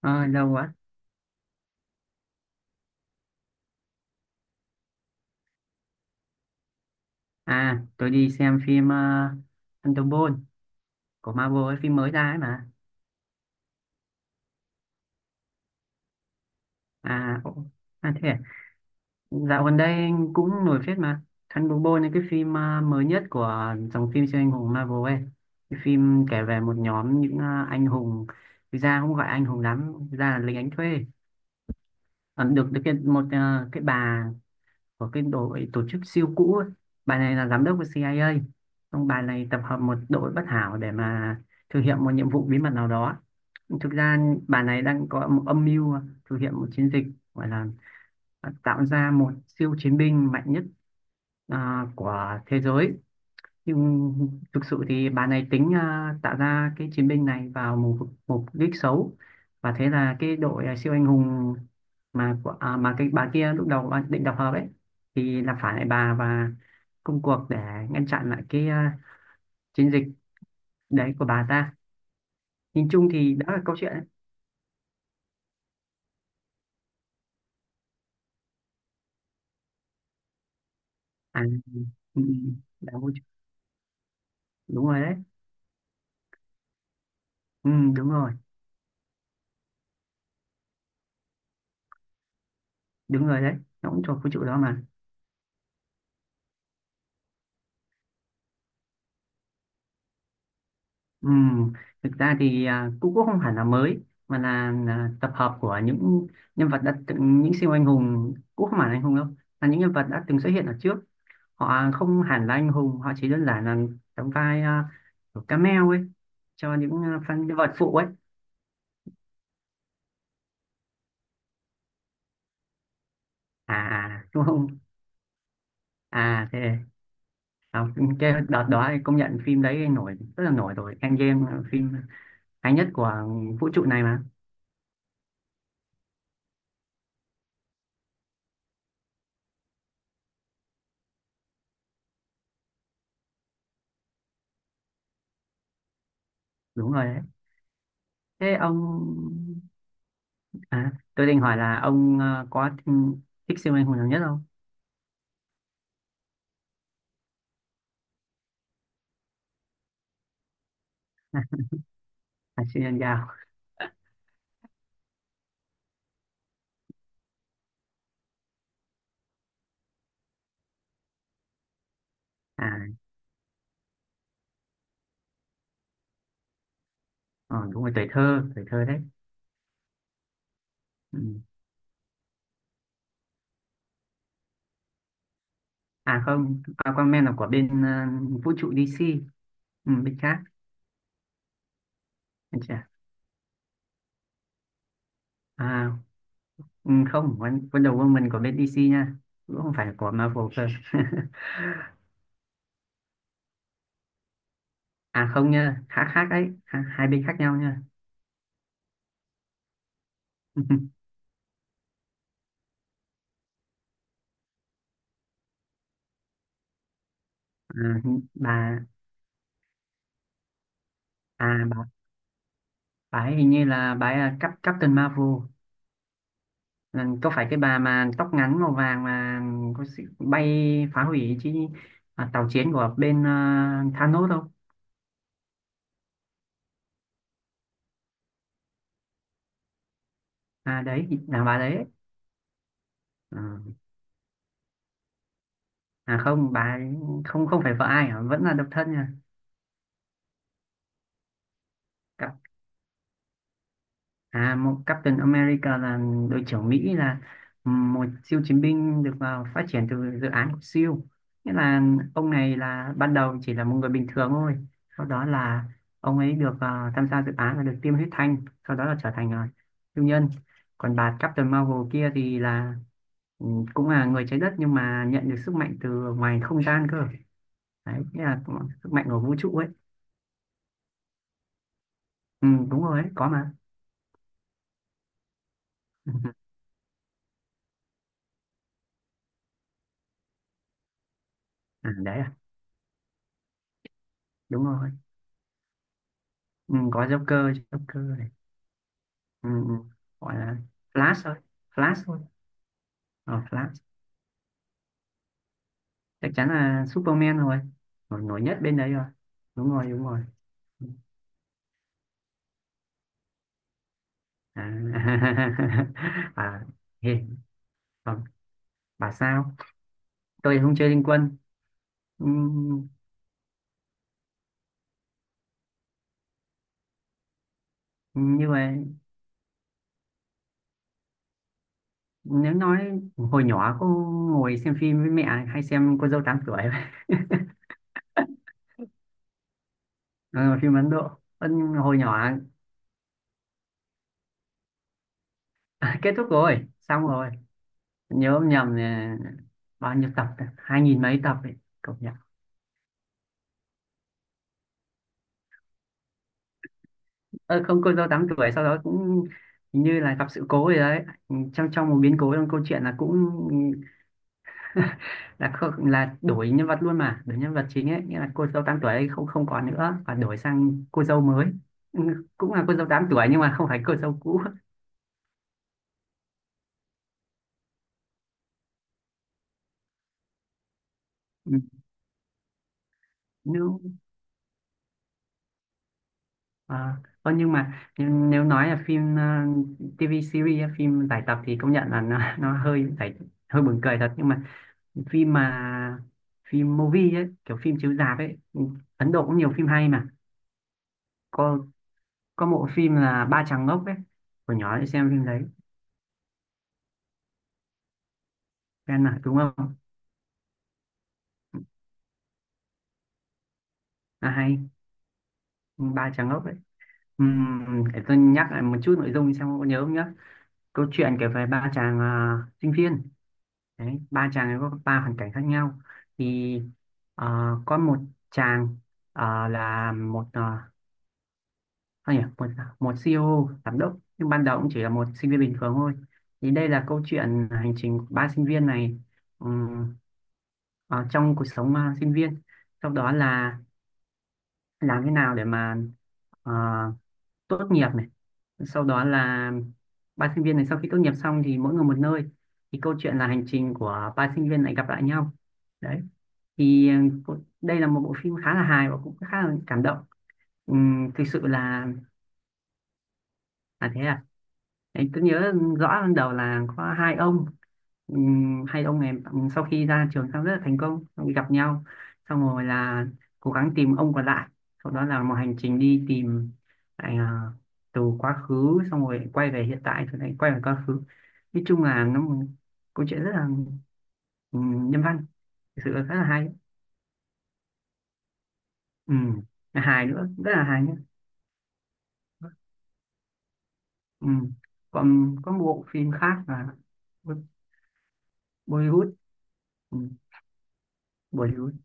Ờ, Lâu quá. À, tôi đi xem phim Thunderbolt của Marvel, ấy, phim mới ra ấy mà. À, ồ, à thế à? Dạo gần đây cũng nổi phết mà. Thunderbolt là cái phim mới nhất của dòng phim siêu anh hùng Marvel ấy. Cái phim kể về một nhóm những anh hùng, thực ra không gọi anh hùng lắm, thực ra là lính đánh thuê. Ờ, được được cái, một cái bà của cái đội tổ chức siêu cũ ấy. Bà này là giám đốc của CIA, xong bà này tập hợp một đội bất hảo để mà thực hiện một nhiệm vụ bí mật nào đó. Thực ra bà này đang có một âm mưu thực hiện một chiến dịch gọi là tạo ra một siêu chiến binh mạnh nhất của thế giới, nhưng thực sự thì bà này tính tạo ra cái chiến binh này vào mục mục đích xấu. Và thế là cái đội siêu anh hùng mà cái bà kia lúc đầu bà định đập hợp ấy thì là phải lại bà, và công cuộc để ngăn chặn lại cái chiến dịch đấy của bà ta. Nhìn chung thì đó là câu chuyện đấy. À, ừ, ừ, đảo vũ trụ. Đúng rồi đấy. Ừ, đúng rồi, đúng rồi đấy. Nó cũng thuộc vũ trụ đó mà. Ừ, thực ra thì cũng cũng không hẳn là mới mà là tập hợp của những nhân vật đã từng, những siêu anh hùng cũng không hẳn là anh hùng đâu, là những nhân vật đã từng xuất hiện ở trước. Họ không hẳn là anh hùng, họ chỉ đơn giản là đóng vai kiểu cameo ấy cho những fan nhân vật phụ ấy. Đúng không. À thế à, cái đợt đó thì công nhận phim đấy nổi, rất là nổi rồi. Endgame là phim hay nhất của vũ trụ này mà. Đúng rồi đấy. Thế ông. À, tôi định hỏi là ông thích siêu anh hùng nào nhất không? À, siêu nhân gạo. À, ờ, đúng rồi, tuổi thơ đấy. Ừ. À không, Aquaman là của bên vũ trụ DC, ừ, bên khác. Anh chả- À, ừ, không, Wonder Woman của bên DC nha. Cũng không phải của Marvel cơ. À không nha, khác khác đấy, hai bên khác nhau nha. À, bà, à, bà, bà ấy hình như là bà ấy là Captain Marvel. Ừ, có phải cái bà mà tóc ngắn màu vàng mà có sự bay phá hủy chi tàu chiến của bên Thanos không? À đấy, là bà đấy. Ừ. À không, bà ấy không không phải vợ ai hả? Vẫn là độc thân nha. À, một Captain America là đội trưởng Mỹ, là một siêu chiến binh được vào phát triển từ dự án của siêu. Nghĩa là ông này là ban đầu chỉ là một người bình thường thôi. Sau đó là ông ấy được tham gia dự án và được tiêm huyết thanh. Sau đó là trở thành siêu nhân. Còn bà Captain Marvel kia thì là ừ, cũng là người trái đất nhưng mà nhận được sức mạnh từ ngoài không gian cơ. Đấy, nghĩa là cũng sức mạnh của vũ trụ ấy. Ừ, đúng rồi ấy, có mà. À, đấy à, đúng rồi. Ừ, có Joker, Joker này. Ừ, ừ, gọi là Flash thôi. Flash thôi. Ờ, Flash. Chắc chắn là Superman rồi. Nổi nhất bên đấy rồi. Đúng rồi, đúng rồi. À, à, hề, còn bà sao. Tôi thì không chơi Liên Quân. Ừm, như vậy. Nếu nói hồi nhỏ cô ngồi xem phim với mẹ, hay xem cô dâu tám tuổi. Ờ, phim Ấn Độ. Hồi nhỏ. Kết thúc rồi, xong rồi. Nhớ không nhầm là bao nhiêu tập ta? Hai nghìn mấy tập ấy, cậu nhỉ. Ờ, không, cô dâu tám tuổi sau đó cũng hình như là gặp sự cố gì đấy. Ừ, trong trong một biến cố trong câu chuyện là cũng là không, là đổi nhân vật luôn, mà đổi nhân vật chính ấy, nghĩa là cô dâu tám tuổi ấy không không còn nữa, và đổi sang cô dâu mới. Ừ, cũng là cô dâu tám tuổi nhưng mà không phải cô dâu cũ. Ừ, nếu à, nhưng mà nếu nói là phim TV series á, phim giải tập thì công nhận là nó hơi giải, hơi buồn cười thật, nhưng mà phim movie ấy, kiểu phim chiếu rạp ấy, Ừ, Ấn Độ cũng nhiều phim hay mà. Có có bộ phim là Ba Chàng Ngốc ấy, hồi nhỏ đi xem phim đấy. Em mà đúng không. À hay Ba Chàng Ngốc ấy. Ừm, để tôi nhắc lại một chút nội dung xem có nhớ không nhá. Câu chuyện kể về ba chàng sinh viên. Đấy, ba chàng ấy có ba hoàn cảnh khác nhau. Thì có một chàng là một một một CEO giám đốc, nhưng ban đầu cũng chỉ là một sinh viên bình thường thôi. Thì đây là câu chuyện hành trình của ba sinh viên này, ừm, ở trong cuộc sống sinh viên. Sau đó là làm thế nào để mà ờ, tốt nghiệp này. Sau đó là ba sinh viên này sau khi tốt nghiệp xong thì mỗi người một nơi. Thì câu chuyện là hành trình của ba sinh viên này gặp lại nhau. Đấy. Thì đây là một bộ phim khá là hài và cũng khá là cảm động. Thực sự là thế. Đấy, tôi nhớ rõ ban đầu là có hai ông. Hai ông này sau khi ra trường xong rất là thành công, xong rồi gặp nhau, xong rồi là cố gắng tìm ông còn lại. Sau đó là một hành trình đi tìm lại từ quá khứ, xong rồi quay về hiện tại rồi lại quay về quá khứ. Nói chung là nó một câu chuyện rất là nhân văn. Thực sự là rất là hay. Ừm, là hài nữa, rất là hài nhé. Ừm, còn có một bộ phim khác là Bo- Bollywood. Ừm, Bollywood.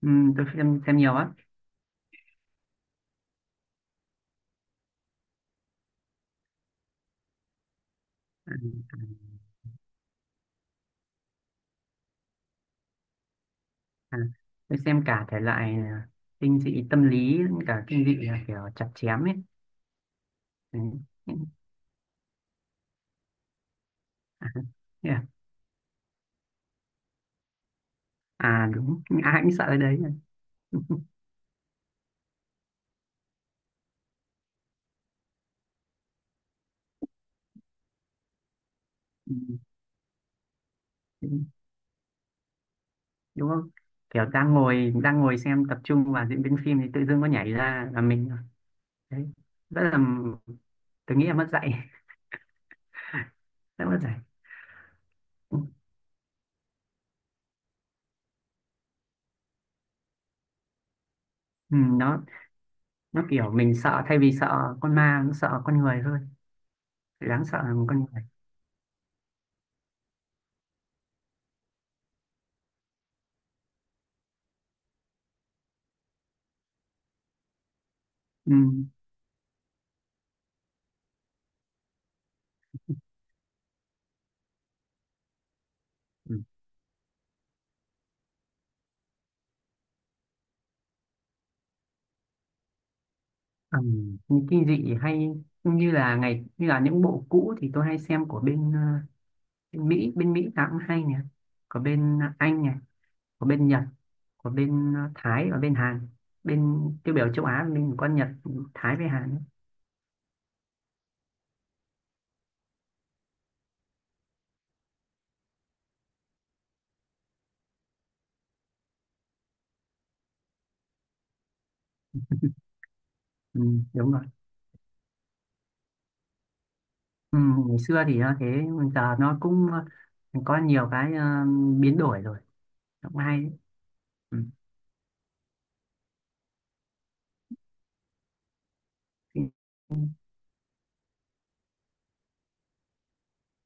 Ừ, tôi xem nhiều á. À, à, tôi xem cả thể loại kinh dị tâm lý lẫn cả kinh dị là kiểu chặt chém ấy. Đấy. À, thế à. À, đúng, ai cũng sợ cái đấy nhỉ? Ừ, ừ, ừ, đúng không, kiểu đang ngồi xem tập trung vào diễn biến phim thì tự dưng có nhảy ra là mình, đấy, rất là, tôi nghĩ là mất dạy. Rất mất dạy. Ừ, ừ, nó kiểu mình sợ, thay vì sợ con ma nó sợ con người thôi. Đáng sợ là một con người. Ừ. Ừ. Ừ, những kinh dị hay như là ngày, như là những bộ cũ thì tôi hay xem của bên, bên Mỹ. Bên Mỹ nào cũng hay nè, có bên Anh này, có bên Nhật, có bên Thái và bên Hàn. Bên tiêu biểu châu Á mình có Nhật, Thái với Hàn ấy. Ừ, đúng rồi. Ừ, ngày xưa thì nó thế nhưng giờ nó cũng có nhiều cái biến đổi rồi. Nó cũng hay. Ừ.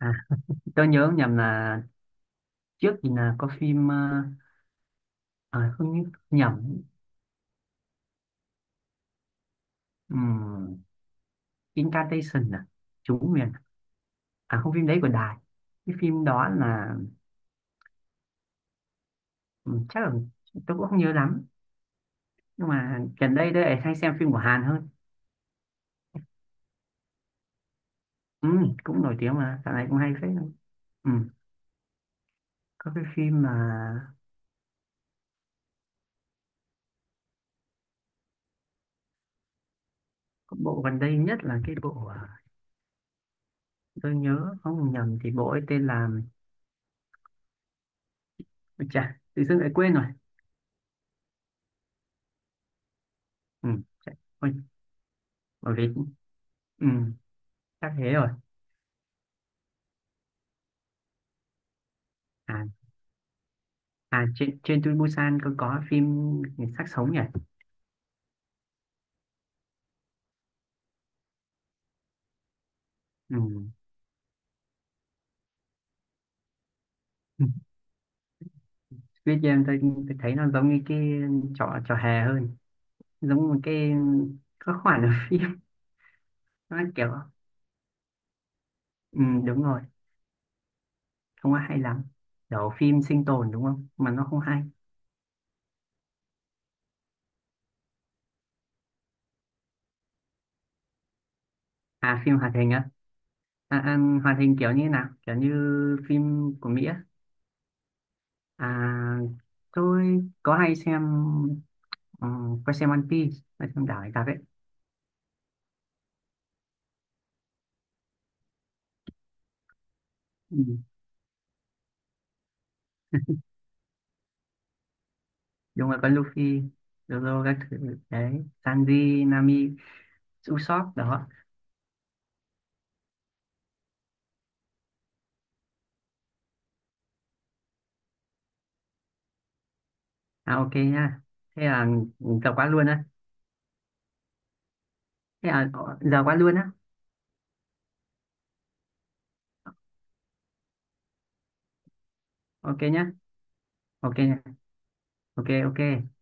À, tôi nhớ nhầm là trước thì là có phim không nhớ- nhầm. Ừ. Incantation à, chú nguyền. À không, phim đấy của Đài. Cái phim đó là ừ, chắc là tôi cũng không nhớ lắm, nhưng mà gần đây tôi lại hay xem phim của Hàn hơn. Ừ, cũng nổi tiếng mà dạo này cũng hay phết. Ừ, có cái phim mà có bộ gần đây nhất là cái bộ tôi nhớ không nhầm thì bộ ấy tên là, ôi chà tự dưng lại quên rồi. Ừ, chà, ôi, bởi vì ừ, chắc thế rồi. À, à, trên trên Busan có phim người xác sống nhỉ. Ừ. Viết cho em Tôi thấy nó giống như cái trò trò hề hơn, giống một cái các khoản ở phim. Nó kiểu ừ, đúng rồi, không có hay lắm, kiểu phim sinh tồn đúng không mà nó không hay. À phim hoạt hình á. À, à, hoạt hình kiểu như thế nào, kiểu như phim của Mỹ á. À tôi có hay xem. Ừ, có xem One Piece, hay xem đảo này cặp ấy. Ừ, đúng rồi, có Luffy, Zoro các thứ đấy, Sanji, Nami, Usopp đó. À ok nha. Thế là giờ quá luôn á. Thế à, giờ quá luôn á. Ok nhá. Ok, ok, ok.